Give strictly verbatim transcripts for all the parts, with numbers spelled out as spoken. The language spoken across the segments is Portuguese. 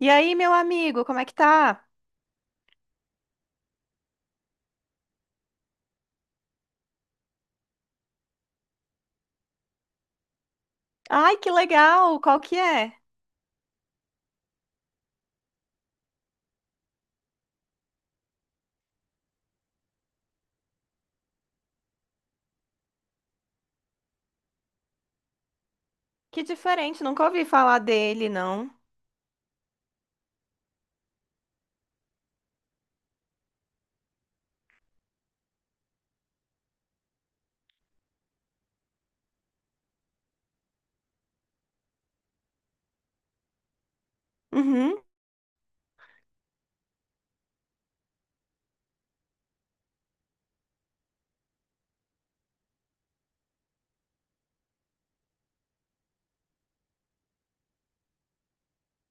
E aí, meu amigo, como é que tá? Ai, que legal! Qual que é? Que diferente, nunca ouvi falar dele, não. Uhum,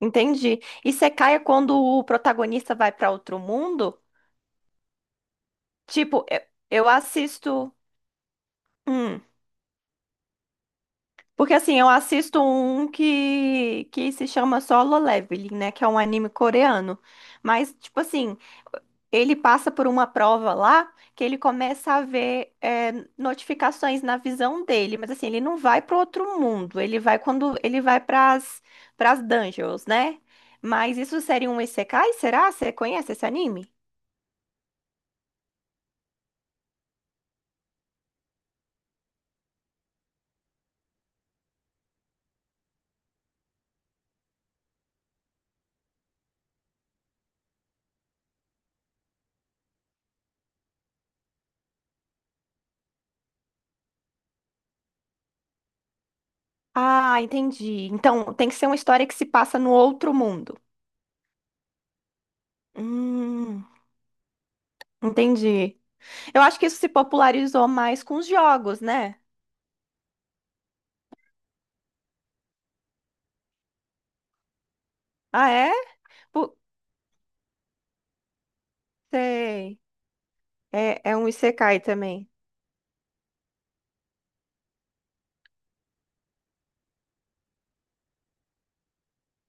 entendi. E Secaia quando o protagonista vai pra outro mundo? Tipo, eu, eu assisto. Hum, porque assim, eu assisto um que, que se chama Solo Leveling, né? Que é um anime coreano. Mas, tipo assim, ele passa por uma prova lá que ele começa a ver é, notificações na visão dele, mas assim, ele não vai para outro mundo, ele vai quando ele vai para as para as dungeons, né? Mas isso seria um isekai, será? Você conhece esse anime? Ah, entendi. Então, tem que ser uma história que se passa no outro mundo. Hum, entendi. Eu acho que isso se popularizou mais com os jogos, né? Ah, é? Pu- Sei. É, é um isekai também.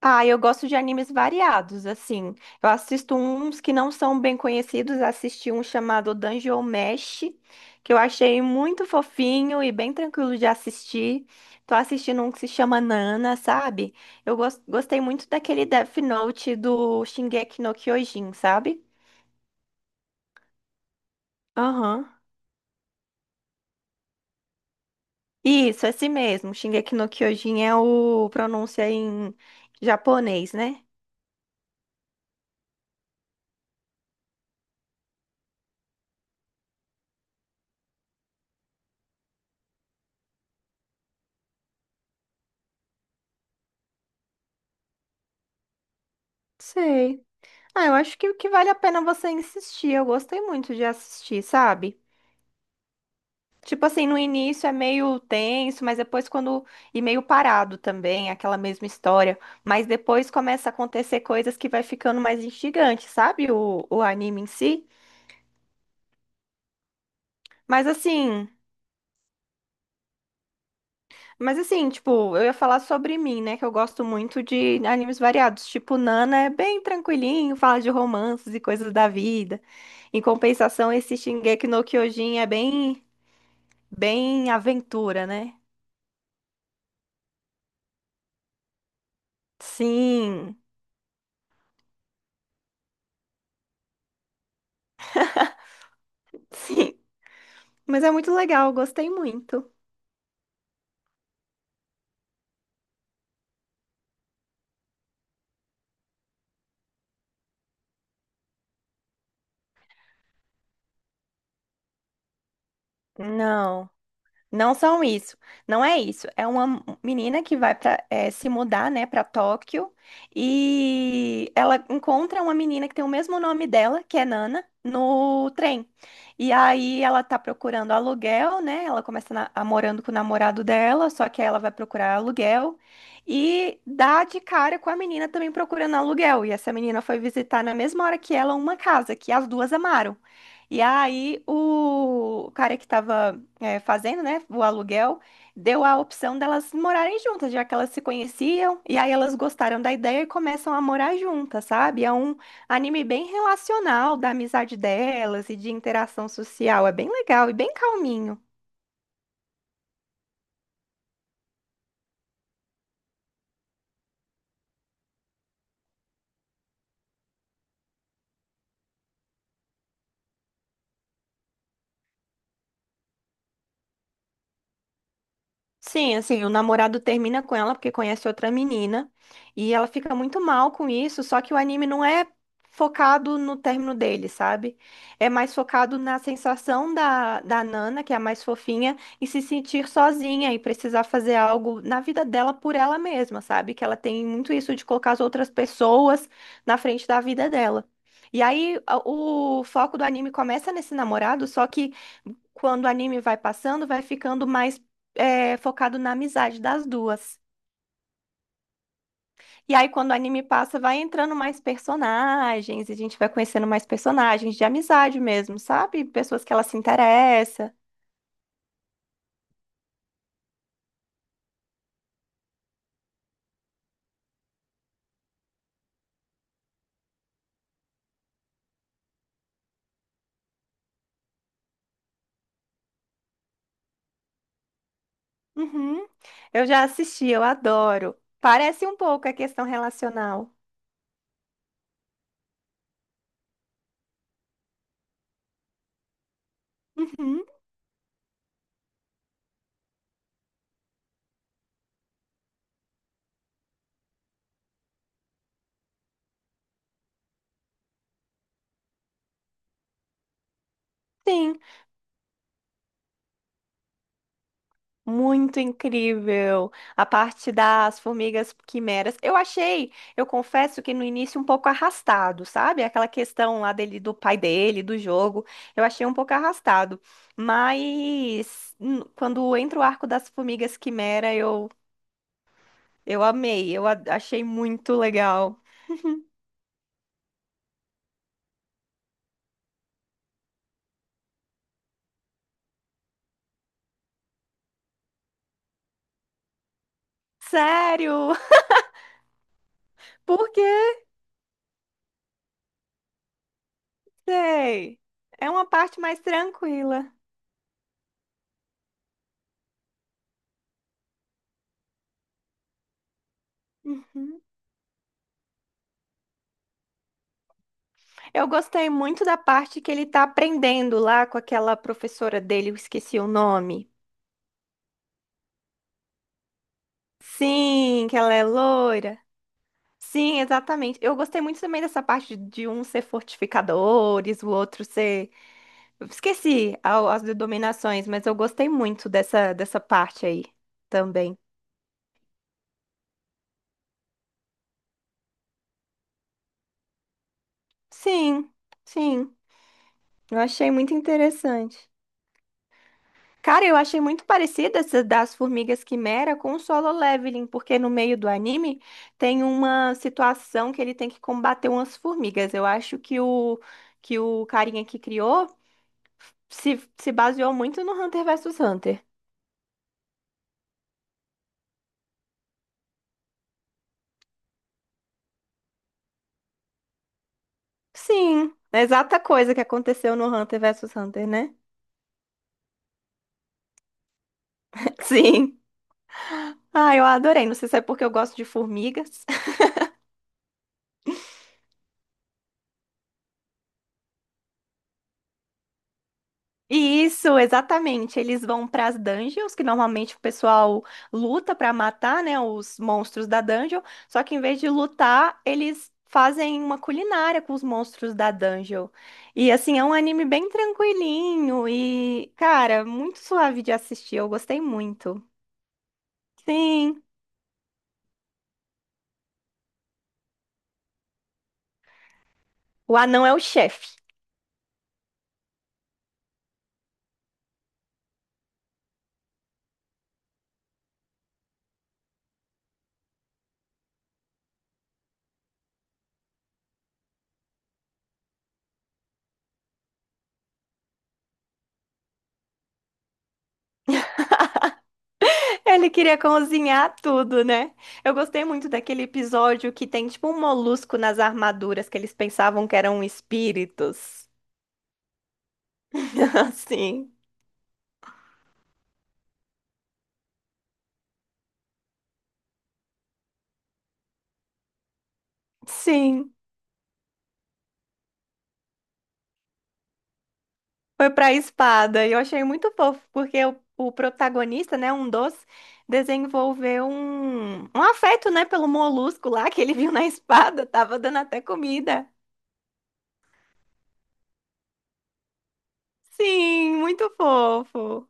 Ah, eu gosto de animes variados, assim. Eu assisto uns que não são bem conhecidos, assisti um chamado Dungeon Mesh, que eu achei muito fofinho e bem tranquilo de assistir. Tô assistindo um que se chama Nana, sabe? Eu gos- gostei muito daquele Death Note do Shingeki no Kyojin, sabe? Aham. Isso, esse mesmo. Shingeki no Kyojin é o pronúncia em japonês, né? Sei. Ah, eu acho que o que vale a pena é você insistir. Eu gostei muito de assistir, sabe? Tipo assim, no início é meio tenso, mas depois quando. E meio parado também, aquela mesma história. Mas depois começa a acontecer coisas que vai ficando mais instigante, sabe? O, o anime em si. Mas assim. Mas assim, tipo, eu ia falar sobre mim, né? Que eu gosto muito de animes variados. Tipo, Nana é bem tranquilinho, fala de romances e coisas da vida. Em compensação, esse Shingeki no Kyojin é bem. Bem aventura, né? Sim, sim. Mas é muito legal, gostei muito. Não. Não são isso, não é isso. É uma menina que vai para se mudar, né, para Tóquio e ela encontra uma menina que tem o mesmo nome dela, que é Nana, no trem. E aí ela tá procurando aluguel, né? Ela começa na- a morando com o namorado dela, só que aí ela vai procurar aluguel e dá de cara com a menina também procurando aluguel. E essa menina foi visitar na mesma hora que ela uma casa que as duas amaram. E aí o cara que tava é, fazendo, né, o aluguel, deu a opção delas morarem juntas, já que elas se conheciam, e aí elas gostaram da ideia e começam a morar juntas, sabe? É um anime bem relacional da amizade delas e de interação social, é bem legal e bem calminho. Sim, assim, o namorado termina com ela porque conhece outra menina e ela fica muito mal com isso, só que o anime não é focado no término dele, sabe? É mais focado na sensação da, da Nana, que é a mais fofinha, e se sentir sozinha e precisar fazer algo na vida dela por ela mesma, sabe? Que ela tem muito isso de colocar as outras pessoas na frente da vida dela. E aí a- o foco do anime começa nesse namorado, só que quando o anime vai passando, vai ficando mais é, focado na amizade das duas. E aí, quando o anime passa, vai entrando mais personagens, e a gente vai conhecendo mais personagens de amizade mesmo, sabe? Pessoas que ela se interessa. Uhum. Eu já assisti, eu adoro. Parece um pouco a questão relacional. Uhum. Sim. Muito incrível. A parte das formigas quimeras. Eu achei, eu confesso que no início um pouco arrastado, sabe? Aquela questão lá dele, do pai dele, do jogo. Eu achei um pouco arrastado. Mas n- quando entra o arco das formigas quimera, eu, eu amei. Eu a- achei muito legal. Sério? Por quê? Sei. É uma parte mais tranquila. Uhum. Eu gostei muito da parte que ele tá aprendendo lá com aquela professora dele, eu esqueci o nome. Sim, que ela é loira. Sim, exatamente. Eu gostei muito também dessa parte de de um ser fortificadores, o outro ser. Eu esqueci a- as denominações, mas eu gostei muito dessa, dessa parte aí também. Sim, sim. Eu achei muito interessante. Cara, eu achei muito parecida essa das Formigas Quimera com o Solo Leveling, porque no meio do anime tem uma situação que ele tem que combater umas formigas. Eu acho que o, que o carinha que criou se, se baseou muito no Hunter vs Hunter. Sim, é a exata coisa que aconteceu no Hunter vs Hunter, né? Sim. Ah, eu adorei. Não sei se é porque eu gosto de formigas. Isso, exatamente. Eles vão para as dungeons, que normalmente o pessoal luta para matar, né, os monstros da dungeon. Só que em vez de lutar, eles fazem uma culinária com os monstros da dungeon. E assim, é um anime bem tranquilinho e, cara, muito suave de assistir. Eu gostei muito. Sim. O anão é o chefe. Ele queria cozinhar tudo, né? Eu gostei muito daquele episódio que tem tipo um molusco nas armaduras que eles pensavam que eram espíritos. Sim, sim. Foi pra espada. E eu achei muito fofo, porque o, o protagonista, né, um dos, desenvolveu um, um afeto, né, pelo molusco lá que ele viu na espada. Tava dando até comida. Sim, muito fofo.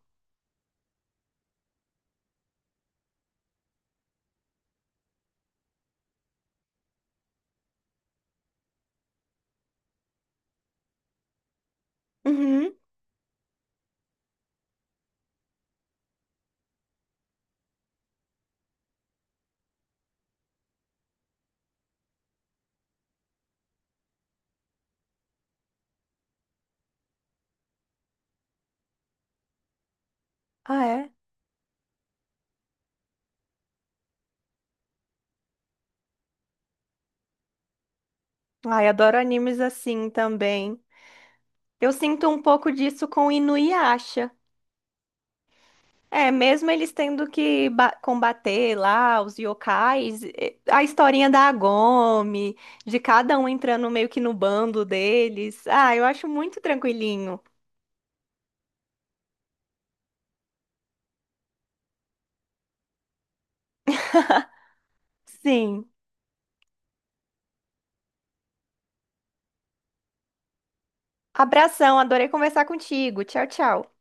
Uhum. Ah, é? Ai, adoro animes assim também. Eu sinto um pouco disso com Inuyasha. É, mesmo eles tendo que ba- combater lá os yokais, eh, a historinha da Agome, de cada um entrando meio que no bando deles. Ah, eu acho muito tranquilinho. Sim. Abração, adorei conversar contigo. Tchau, tchau.